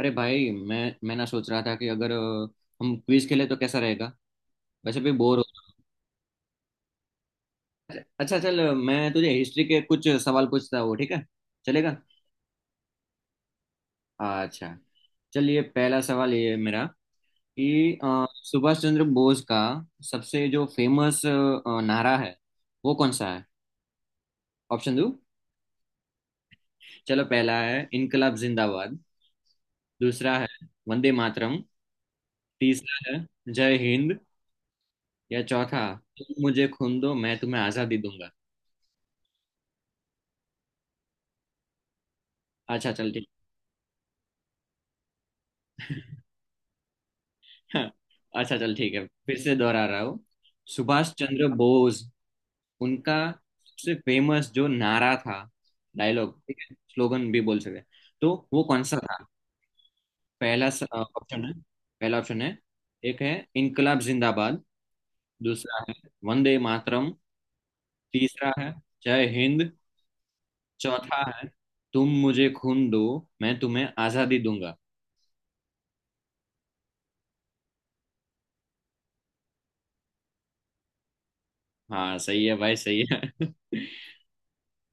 अरे भाई मैं ना सोच रहा था कि अगर हम क्विज खेले तो कैसा रहेगा। वैसे भी बोर हो। अच्छा चल, मैं तुझे हिस्ट्री के कुछ सवाल पूछता हूँ, ठीक है? चलेगा? अच्छा, चलिए पहला सवाल ये है मेरा कि सुभाष चंद्र बोस का सबसे जो फेमस नारा है वो कौन सा है? ऑप्शन दो। चलो, पहला है इनकलाब जिंदाबाद, दूसरा है वंदे मातरम, तीसरा है जय हिंद, या चौथा, तुम मुझे खून दो मैं तुम्हें आजादी दूंगा। अच्छा चल ठीक। हाँ। अच्छा चल ठीक है, फिर से दोहरा रहा हूँ। सुभाष चंद्र बोस उनका सबसे फेमस जो नारा था, डायलॉग ठीक है, स्लोगन भी बोल सकते हैं। तो वो कौन सा था? पहला ऑप्शन है पहला ऑप्शन है। एक है इनकलाब जिंदाबाद, दूसरा है वंदे मातरम, तीसरा है जय हिंद, चौथा है तुम मुझे खून दो, मैं तुम्हें आजादी दूंगा। हाँ सही है भाई, सही है।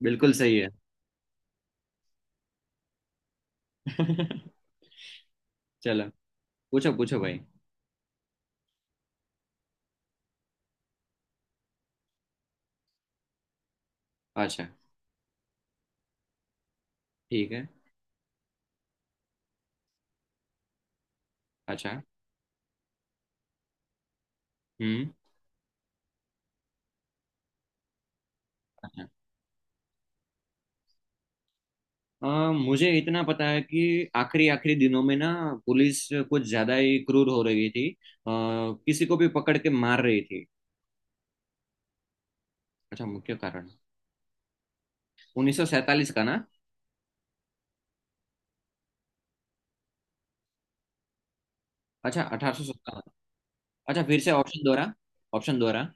बिल्कुल सही है। चलो। पूछो पूछो भाई। अच्छा, ठीक है। अच्छा। हम्म। अच्छा। अ, मुझे इतना पता है कि आखिरी आखिरी दिनों में ना पुलिस कुछ ज्यादा ही क्रूर हो रही थी, किसी को भी पकड़ के मार रही थी। अच्छा, मुख्य कारण। 1947 का ना? अच्छा, 1857। अच्छा, फिर से ऑप्शन दोहरा।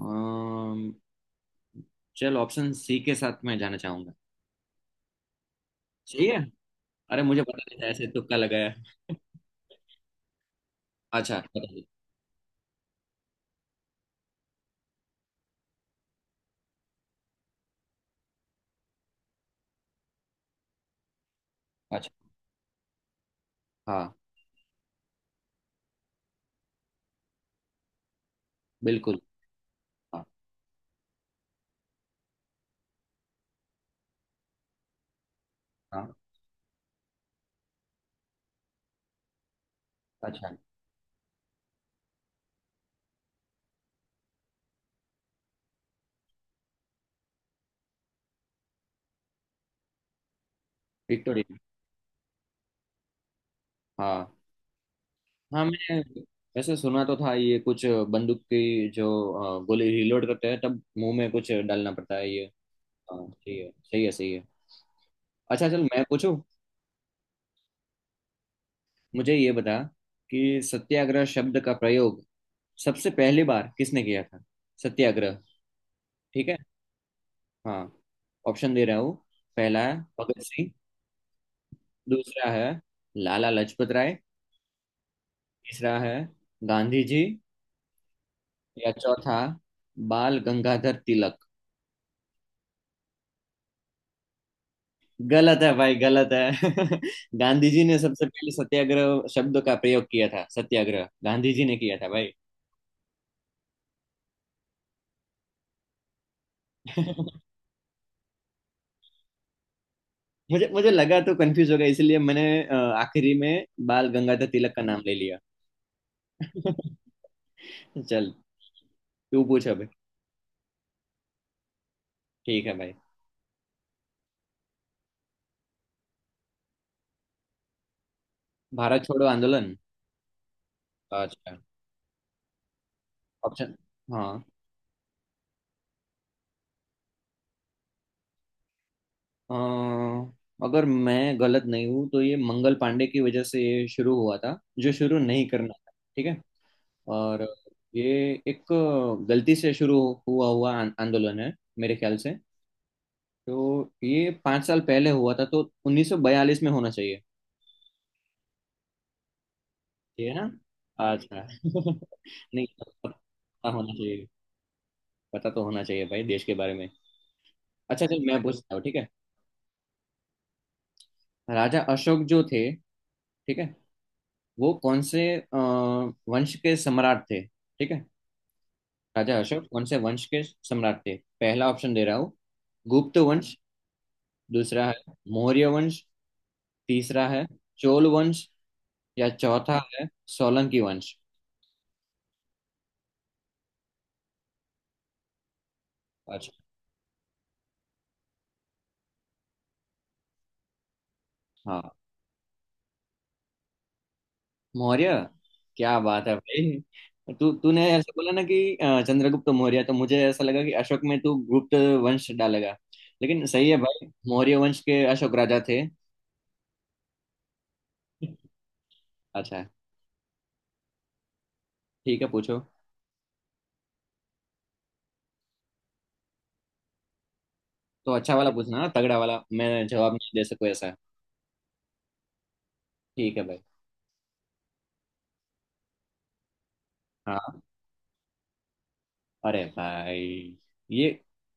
अम्म, चल ऑप्शन सी के साथ मैं जाना चाहूंगा। सही है। अरे मुझे पता नहीं था, ऐसे तुक्का लगाया। अच्छा, पता नहीं। अच्छा। हाँ। बिल्कुल। हाँ हाँ। अच्छा। विक्टोरिया। हाँ हाँ मैंने। वैसे सुना तो था ये कुछ, बंदूक की जो गोली रिलोड करते हैं तब मुंह में कुछ डालना पड़ता है ये। हाँ ठीक है, सही है सही है। अच्छा चल मैं पूछूं। मुझे ये बता कि सत्याग्रह शब्द का प्रयोग सबसे पहली बार किसने किया था? सत्याग्रह, ठीक है। हाँ, ऑप्शन दे रहा हूँ। पहला है भगत सिंह, दूसरा है लाला लाजपत राय, तीसरा है गांधी जी, या चौथा बाल गंगाधर तिलक। गलत है भाई, गलत है। गांधी जी ने सबसे पहले सत्याग्रह शब्द का प्रयोग किया था, सत्याग्रह गांधी जी ने किया था भाई। मुझे मुझे लगा तो कंफ्यूज होगा, इसलिए मैंने आखिरी में बाल गंगाधर तिलक का नाम ले लिया। चल तू पूछ अभी। ठीक है भाई। भारत छोड़ो आंदोलन। अच्छा। ऑप्शन। हाँ, अ, अगर मैं गलत नहीं हूँ तो ये मंगल पांडे की वजह से ये शुरू हुआ था, जो शुरू नहीं करना था, ठीक है। और ये एक गलती से शुरू हुआ हुआ आंदोलन है मेरे ख्याल से। तो ये 5 साल पहले हुआ था, तो 1942 में होना चाहिए। ठीक है ना? अच्छा। नहीं, पता होना चाहिए, पता तो होना चाहिए भाई देश के बारे में। अच्छा चल मैं पूछता हूँ, ठीक है। राजा अशोक जो थे, ठीक है, वो कौन से वंश के सम्राट थे, ठीक है? राजा अशोक कौन से वंश के सम्राट थे? पहला ऑप्शन दे रहा हूँ, गुप्त वंश, दूसरा है मौर्य वंश, तीसरा है चोल वंश, या चौथा है सोलंकी वंश। अच्छा। हाँ मौर्य। क्या बात है भाई, तू तूने ऐसा बोला ना कि चंद्रगुप्त मौर्य, तो मुझे ऐसा लगा कि अशोक में तू गुप्त वंश डालेगा। लेकिन सही है भाई, मौर्य वंश के अशोक राजा थे। अच्छा ठीक है पूछो। तो अच्छा वाला पूछना ना, तगड़ा वाला, मैं जवाब नहीं दे सकूँ ऐसा। ठीक है भाई। हाँ। अरे भाई ये,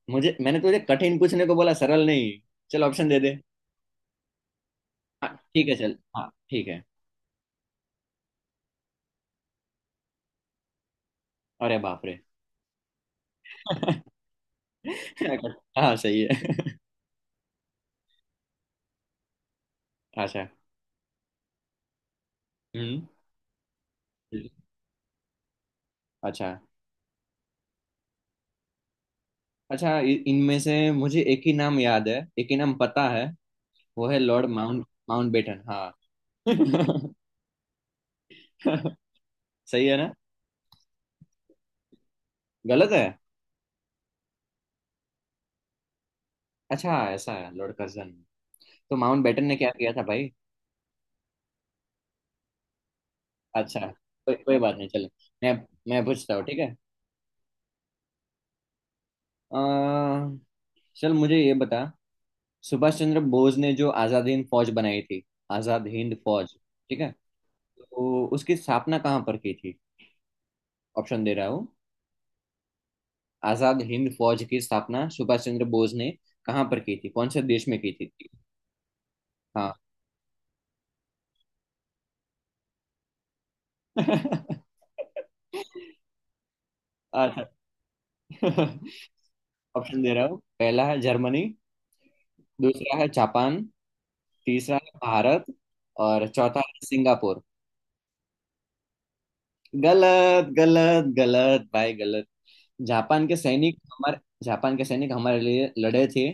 मुझे मैंने तुझे कठिन पूछने को बोला, सरल नहीं। चल ऑप्शन दे दे। हाँ ठीक है चल, हाँ ठीक है। अरे बाप रे। हाँ सही है। अच्छा। हम्म। अच्छा। अच्छा इ- इनमें से मुझे एक ही नाम याद है, एक ही नाम पता है। वो है लॉर्ड माउंट माउंट बेटन हाँ। सही है ना? गलत है। अच्छा ऐसा है, लॉर्ड कर्जन। तो माउंट बेटन ने क्या किया था भाई? अच्छा, कोई कोई बात नहीं, चलो मैं मैं पूछता हूँ, ठीक है। अ, चल मुझे ये बता। सुभाष चंद्र बोस ने जो आजाद हिंद फौज बनाई थी, आजाद हिंद फौज, ठीक है, तो उसकी स्थापना कहाँ पर की थी? ऑप्शन दे रहा हूँ। आजाद हिंद फौज की स्थापना सुभाष चंद्र बोस ने कहाँ पर की थी, कौन से देश में की थी? हाँ। अच्छा। ऑप्शन दे रहा हूँ। पहला है जर्मनी, दूसरा है जापान, तीसरा है भारत और चौथा है सिंगापुर। गलत गलत गलत भाई गलत। जापान के सैनिक हमारे जापान के सैनिक हमारे लिए लड़े थे,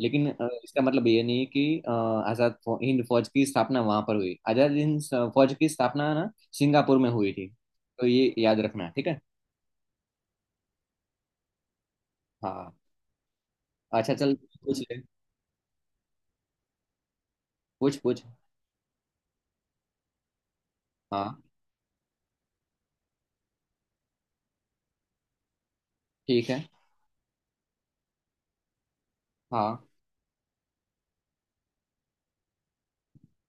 लेकिन इसका मतलब ये नहीं कि हिंद फौज की स्थापना वहां पर हुई। आजाद हिंद फौज की स्थापना ना सिंगापुर में हुई थी, तो ये याद रखना, ठीक है। हाँ। अच्छा चल। पूछ ले। पूछ पूछ। हाँ ठीक है। हाँ।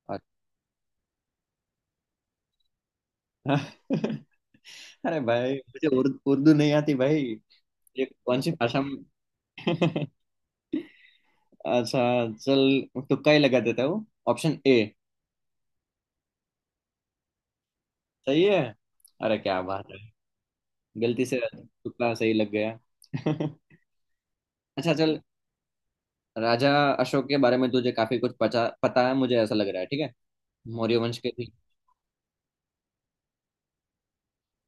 अच्छा। अरे भाई मुझे उर्दू उर्दू नहीं आती भाई, ये कौन सी भाषा में? अच्छा चल तुक्का ही लगा देता हूँ, ऑप्शन ए। सही है। अरे क्या बात है, गलती से तुक्का सही लग गया। अच्छा चल, राजा अशोक के बारे में तुझे काफी कुछ पता पता है मुझे ऐसा लग रहा है, ठीक है, मौर्य वंश के थे।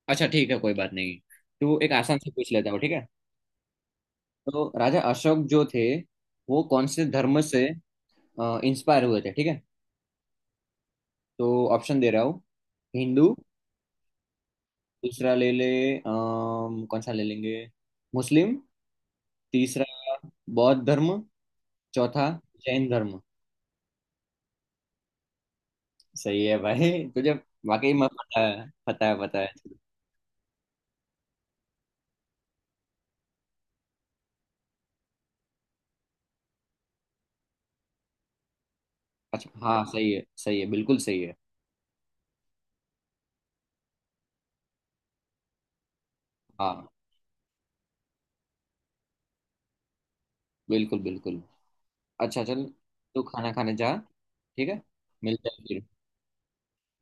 अच्छा ठीक है कोई बात नहीं। तू एक, आसान से पूछ लेता हूँ, ठीक है। तो राजा अशोक जो थे वो कौन से धर्म से इंस्पायर हुए थे, ठीक है? तो ऑप्शन दे रहा हूँ। हिंदू, दूसरा ले ले, कौन सा ले लेंगे, मुस्लिम, तीसरा बौद्ध धर्म, चौथा जैन धर्म। सही है भाई, तुझे वाकई में पता है, पता है पता है। अच्छा हाँ, सही है बिल्कुल सही है। हाँ। बिल्कुल बिल्कुल। अच्छा चल, तू खाना खाने जा। ठीक है, मिलते हैं फिर।